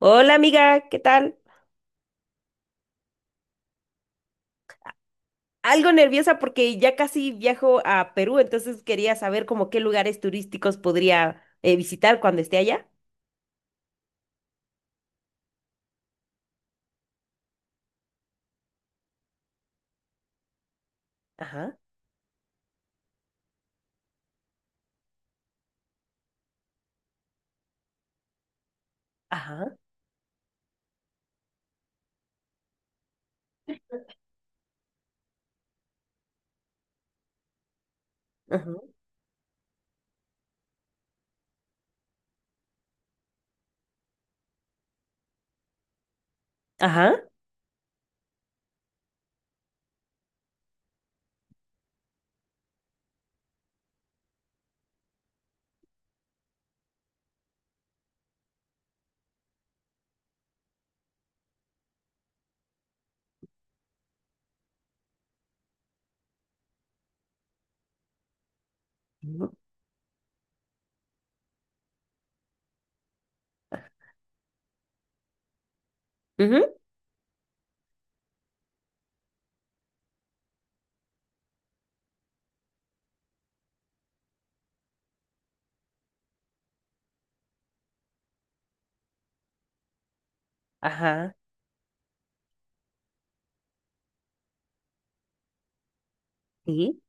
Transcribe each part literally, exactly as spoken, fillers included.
Hola amiga, ¿qué tal? Algo nerviosa porque ya casi viajo a Perú, entonces quería saber como qué lugares turísticos podría eh, visitar cuando esté allá. Ajá, ajá, ajá, ajá, ujú, ujú, ajá, sí,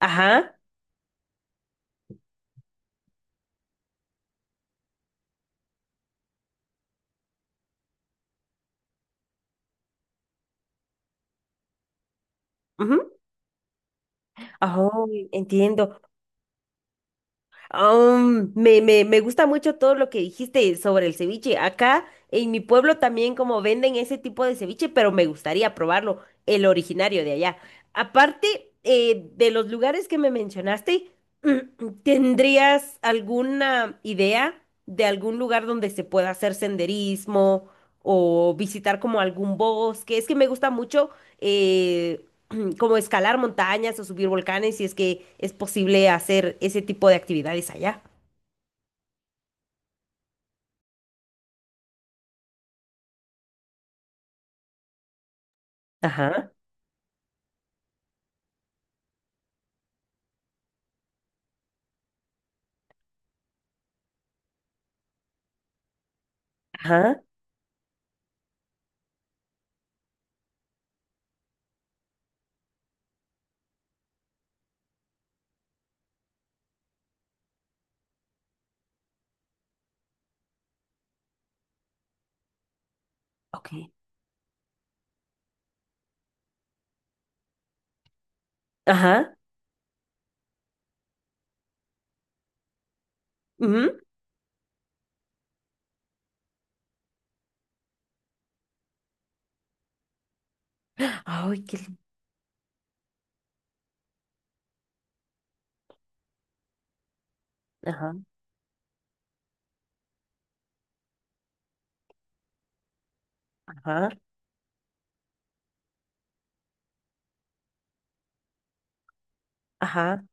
ajá, ujú. Ay, entiendo. Um, me, me, me gusta mucho todo lo que dijiste sobre el ceviche. Acá en mi pueblo también como venden ese tipo de ceviche, pero me gustaría probarlo, el originario de allá. Aparte eh, de los lugares que me mencionaste, ¿tendrías alguna idea de algún lugar donde se pueda hacer senderismo o visitar como algún bosque? Es que me gusta mucho eh, como escalar montañas o subir volcanes, si es que es posible hacer ese tipo de actividades allá. Ajá, ajá, ok. Ajá, ujú. Ay, qué lindo. Ajá, ajá, ajá.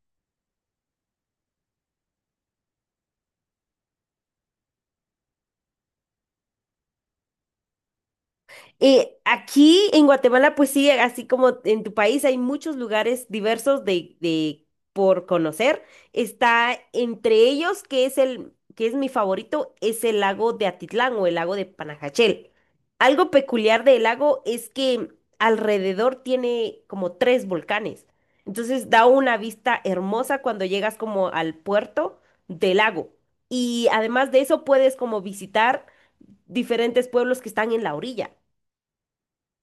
Eh, aquí en Guatemala, pues sí, así como en tu país hay muchos lugares diversos de, de por conocer. Está entre ellos, que es el, que es mi favorito, es el lago de Atitlán o el lago de Panajachel. Algo peculiar del lago es que alrededor tiene como tres volcanes. Entonces da una vista hermosa cuando llegas como al puerto del lago. Y además de eso puedes como visitar diferentes pueblos que están en la orilla.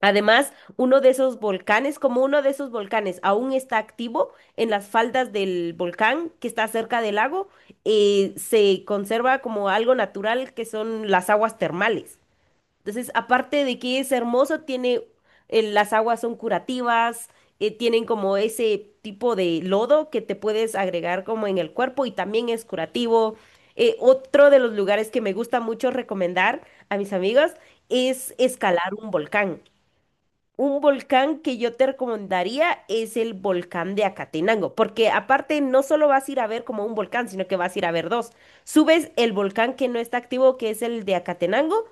Además, uno de esos volcanes, como uno de esos volcanes aún está activo en las faldas del volcán que está cerca del lago, eh, se conserva como algo natural que son las aguas termales. Entonces, aparte de que es hermoso, tiene, eh, las aguas son curativas, eh, tienen como ese tipo de lodo que te puedes agregar como en el cuerpo y también es curativo. Eh, otro de los lugares que me gusta mucho recomendar a mis amigos es escalar un volcán. Un volcán que yo te recomendaría es el volcán de Acatenango, porque aparte no solo vas a ir a ver como un volcán, sino que vas a ir a ver dos. Subes el volcán que no está activo, que es el de Acatenango,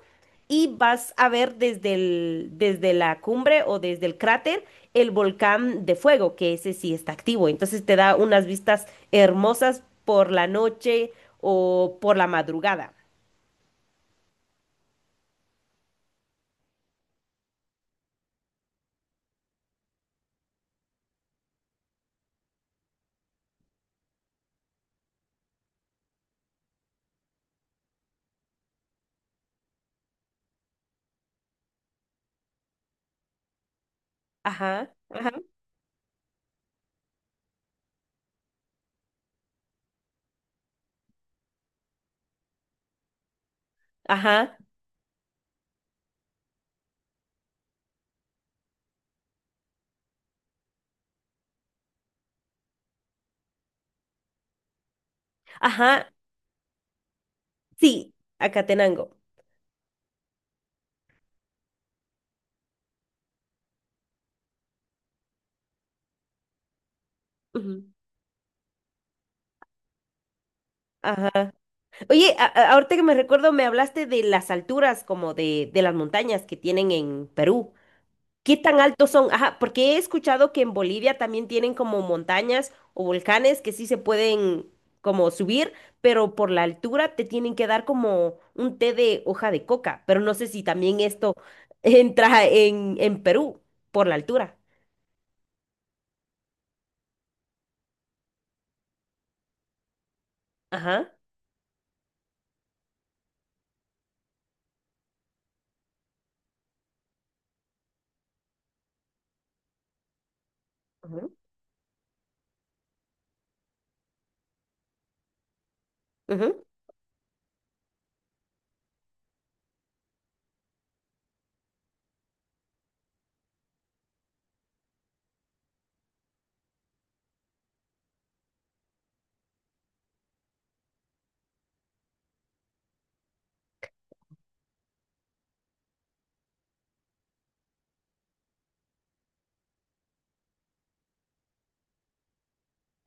y vas a ver desde el, desde la cumbre o desde el cráter el volcán de fuego, que ese sí está activo. Entonces te da unas vistas hermosas por la noche o por la madrugada. Ajá, ajá, ajá, ajá, sí, Acatenango. Ujú. Ajá. Oye, a- a- ahorita que me recuerdo, me hablaste de las alturas, como de, de las montañas que tienen en Perú. ¿Qué tan altos son? Ajá, porque he escuchado que en Bolivia también tienen como montañas o volcanes que sí se pueden como subir, pero por la altura te tienen que dar como un té de hoja de coca. Pero no sé si también esto entra en, en Perú por la altura. Ajá. Ujú, ujú,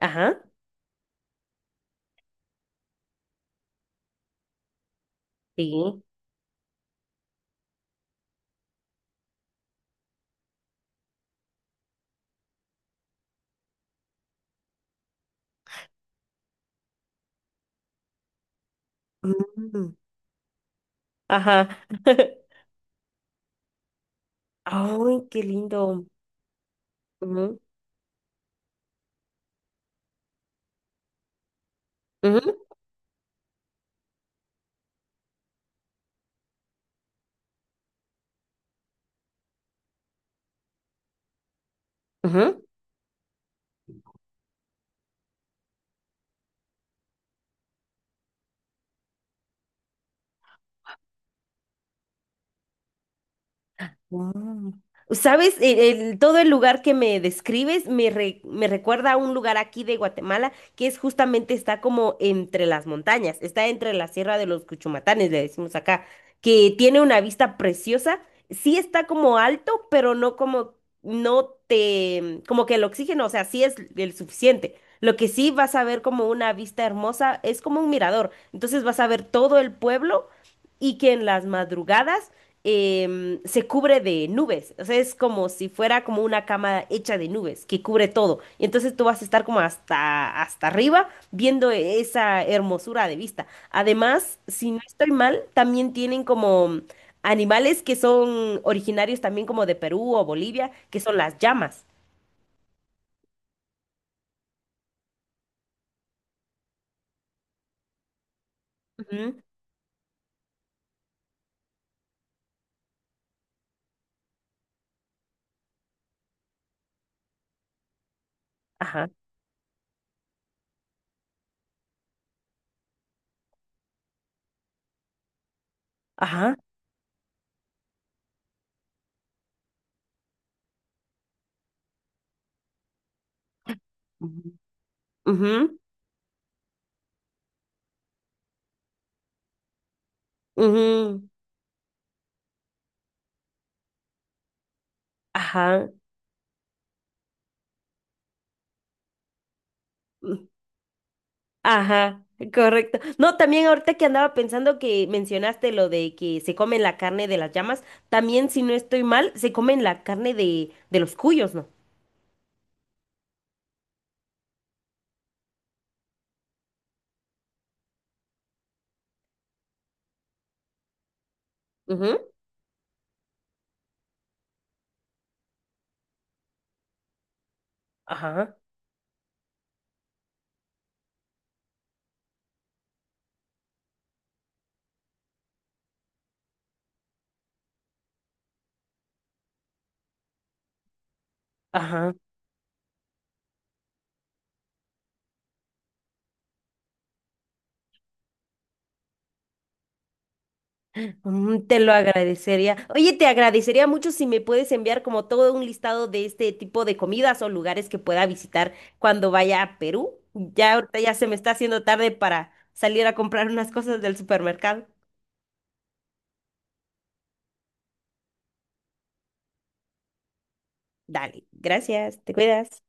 Ajá. Sí. Mm, Ajá. Ay, qué lindo. Ujú, ujú. Wow. ¿Sabes? El- el- todo el lugar que me describes me, re- me recuerda a un lugar aquí de Guatemala que es justamente está como entre las montañas, está entre la Sierra de los Cuchumatanes, le decimos acá, que tiene una vista preciosa. Sí está como alto, pero no como, no te, como que el oxígeno, o sea, sí es el suficiente. Lo que sí vas a ver como una vista hermosa es como un mirador. Entonces vas a ver todo el pueblo y que en las madrugadas em, se cubre de nubes. O sea, es como si fuera como una cama hecha de nubes que cubre todo. Y entonces tú vas a estar como hasta, hasta arriba viendo esa hermosura de vista. Además, si no estoy mal, también tienen como animales que son originarios también como de Perú o Bolivia, que son las llamas. Ujú, Ajá, ajá. Ujú, ujú, ujú, Ajá. Ajá, correcto. No, también ahorita que andaba pensando que mencionaste lo de que se comen la carne de las llamas, también si no estoy mal, se comen la carne de, de los cuyos, ¿no? Ujú. Ajá, ajá. Mm, te lo agradecería. Oye, te agradecería mucho si me puedes enviar como todo un listado de este tipo de comidas o lugares que pueda visitar cuando vaya a Perú. Ya ahorita ya se me está haciendo tarde para salir a comprar unas cosas del supermercado. Dale, gracias, te cuidas.